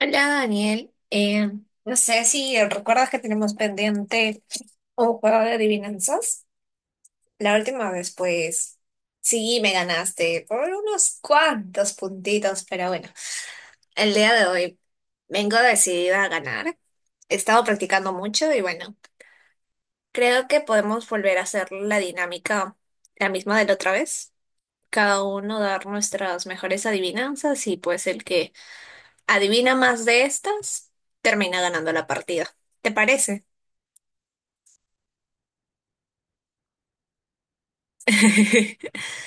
Hola, Daniel. No sé si recuerdas que tenemos pendiente un juego de adivinanzas. La última vez, pues sí, me ganaste por unos cuantos puntitos, pero bueno, el día de hoy vengo decidida a ganar. He estado practicando mucho y bueno, creo que podemos volver a hacer la dinámica, la misma de la otra vez. Cada uno dar nuestras mejores adivinanzas y pues el que adivina más de estas, termina ganando la partida. ¿Te parece?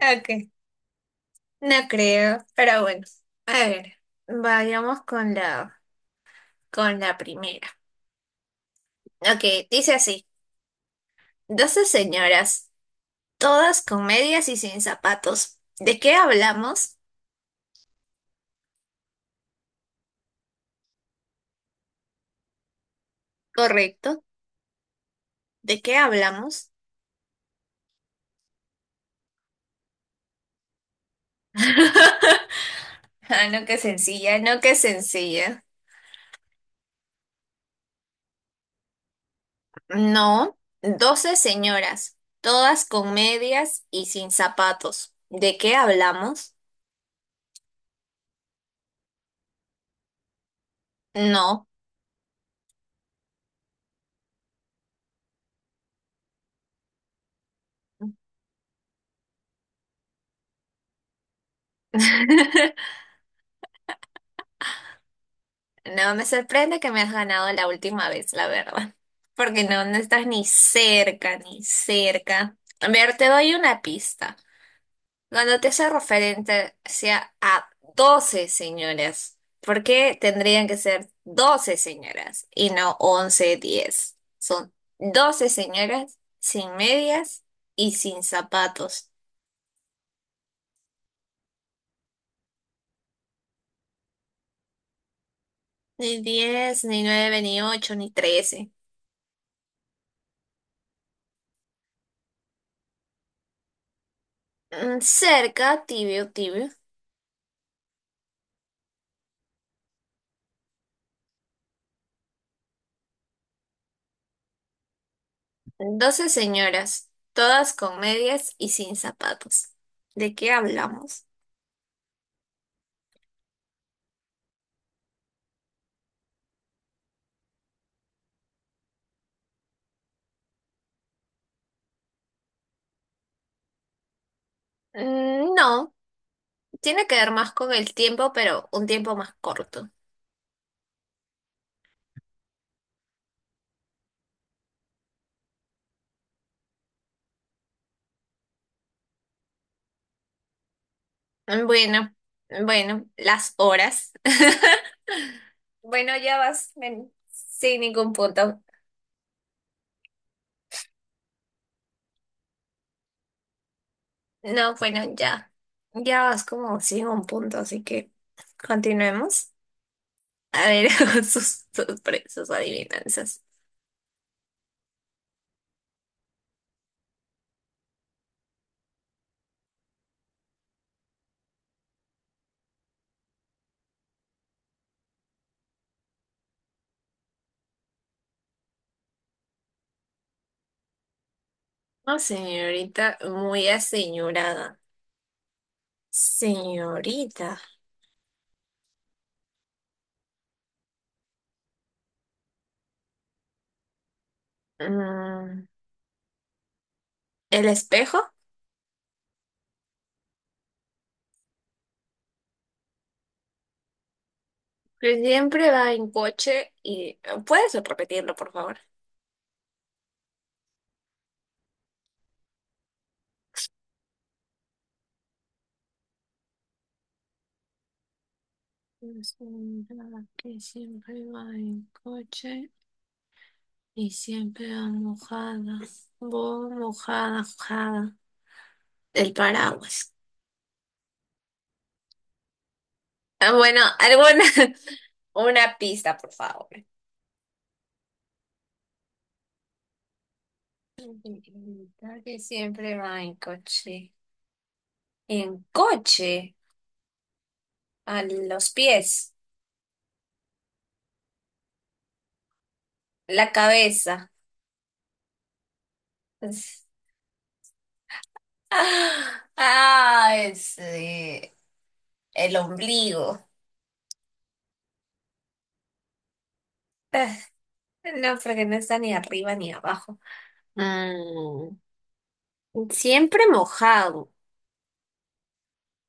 Ok, no creo, pero bueno. A ver, vayamos con la primera. Ok, dice así. 12 señoras, todas con medias y sin zapatos. ¿De qué hablamos? Correcto. ¿De qué hablamos? Ah, no, qué sencilla, no, qué sencilla. No, doce señoras, todas con medias y sin zapatos. ¿De qué hablamos? No. No me sorprende que me has ganado la última vez, la verdad. Porque no, no estás ni cerca, ni cerca. A ver, te doy una pista. Cuando te hace referencia a 12 señoras, ¿por qué tendrían que ser 12 señoras y no 11, 10? Son 12 señoras sin medias y sin zapatos. Ni 10, ni nueve, ni 8, ni 13. Mm, cerca, tibio, tibio. 12 señoras, todas con medias y sin zapatos. ¿De qué hablamos? Mm, no, tiene que ver más con el tiempo, pero un tiempo más corto. Bueno, bueno, las horas. Bueno, ya vas men, sin ningún punto. No, bueno, ya. Ya vas como sin un punto, así que continuemos. A ver, sus adivinanzas. No, señorita, muy aseñorada. Señorita. mm, ¿El espejo? Que siempre va en coche y... ¿Puedes repetirlo, por favor? Es una que siempre va en coche y siempre va mojada. Voy mojada, mojada. El paraguas. Ah, bueno, alguna, una pista, por favor. Una que siempre va en coche. En coche, a los pies, la cabeza. Es- ah, ese, el ombligo. Ah, no, porque no está ni arriba ni abajo. Mm. Siempre mojado.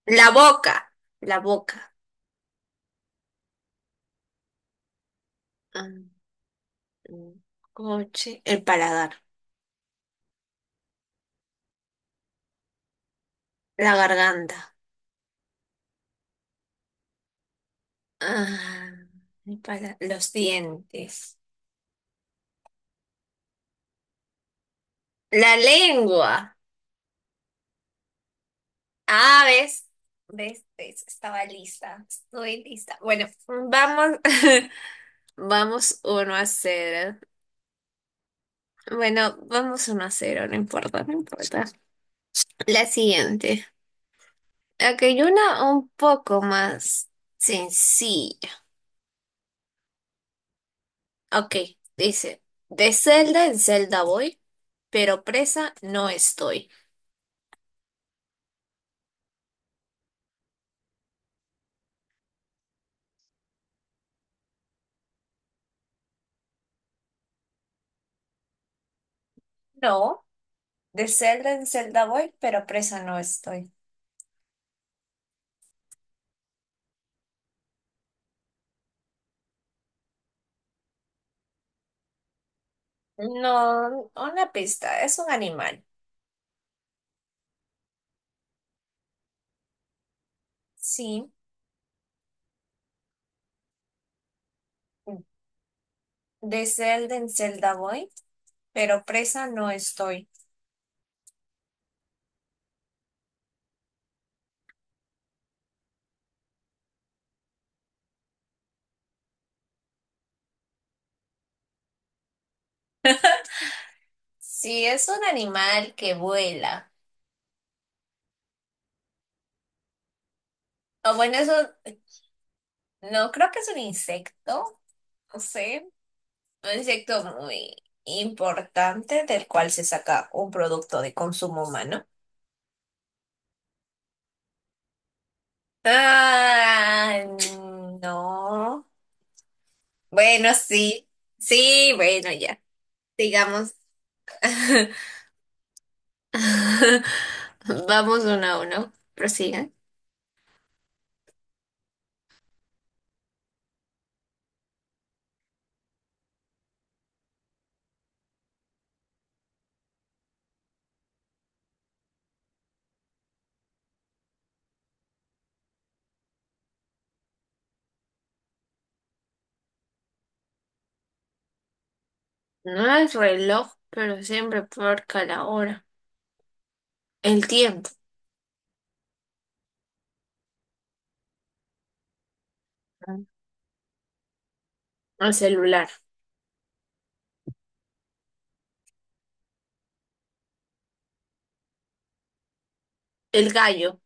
La boca, la boca. Ah, mm, coche, el paladar, la garganta. Ah, los dientes. La lengua. Ah, ¿ves? ¿Ves? ¿Ves? Estaba lista. Estoy lista. Bueno, vamos. Vamos 1-0. Bueno, vamos 1-0, no importa, no importa. La siguiente. Ok, una un poco más sencilla. Ok, dice, de celda en celda voy, pero presa no estoy. No, de celda en celda voy, pero presa no estoy. No, una pista, es un animal. Sí, de celda en celda voy, pero presa no estoy. Sí, es un animal que vuela. O bueno, eso, no creo que es un insecto, no sé, un insecto muy importante del cual se saca un producto de consumo humano. Ah, no. Bueno, sí. Sí, bueno, ya. Sigamos. Vamos 1-1. Prosigan. No el reloj, pero siempre porca la hora. El tiempo, el celular, el gallo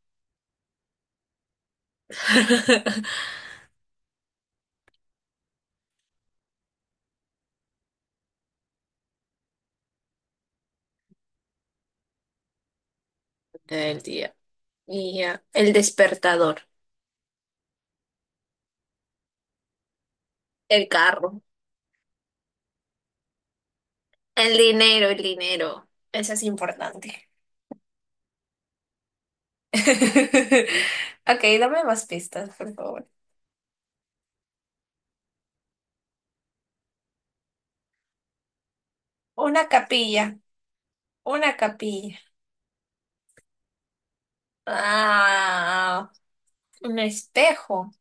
el día y ya, el despertador, el carro, el dinero, el dinero. Eso es importante. Ok, dame más pistas, por favor. Una capilla, una capilla. Ah, un espejo.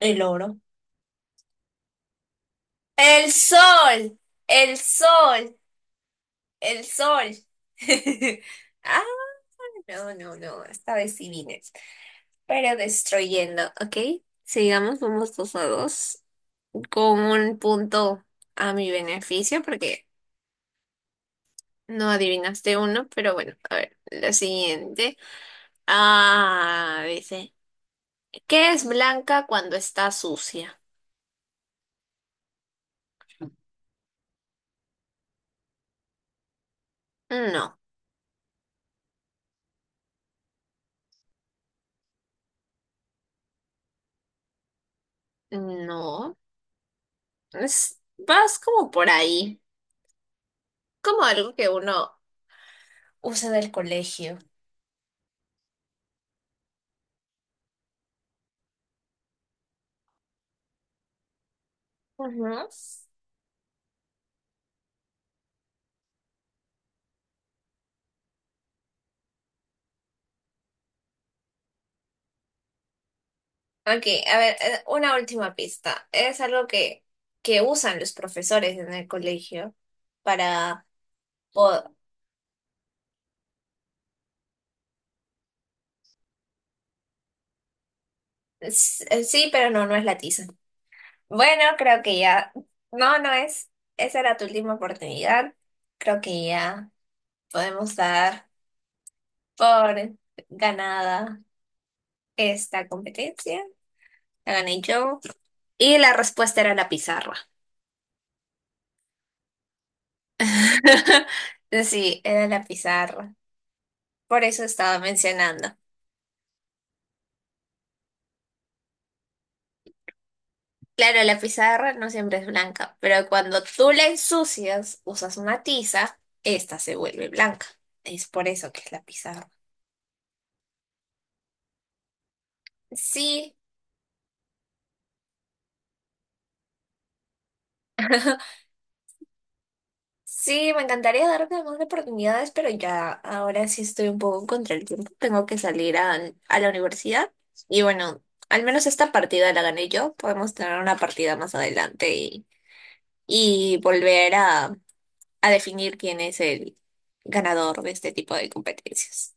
El oro. El sol, el sol, el sol. Ah, no, no, no, esta vez sí vine. Pero destruyendo, ¿ok? Sigamos, vamos 2-2. Con un punto a mi beneficio, porque no adivinaste uno, pero bueno, a ver, la siguiente. Ah, dice, ¿qué es blanca cuando está sucia? No, no. Es, vas como por ahí, como algo que uno usa del colegio. Ujú. Ok, a ver, una última pista. Es algo que usan los profesores en el colegio para... po- Sí, pero no, no es la tiza. Bueno, creo que ya... No, no es. Esa era tu última oportunidad. Creo que ya podemos dar por ganada esta competencia. La gané yo. Y la respuesta era la pizarra. Sí, era la pizarra. Por eso estaba mencionando. Claro, la pizarra no siempre es blanca, pero cuando tú la ensucias, usas una tiza, esta se vuelve blanca. Es por eso que es la pizarra. Sí, sí, me encantaría darme más oportunidades, pero ya ahora sí estoy un poco contra el tiempo. Tengo que salir a la universidad. Y bueno, al menos esta partida la gané yo. Podemos tener una partida más adelante y volver a definir quién es el ganador de este tipo de competencias.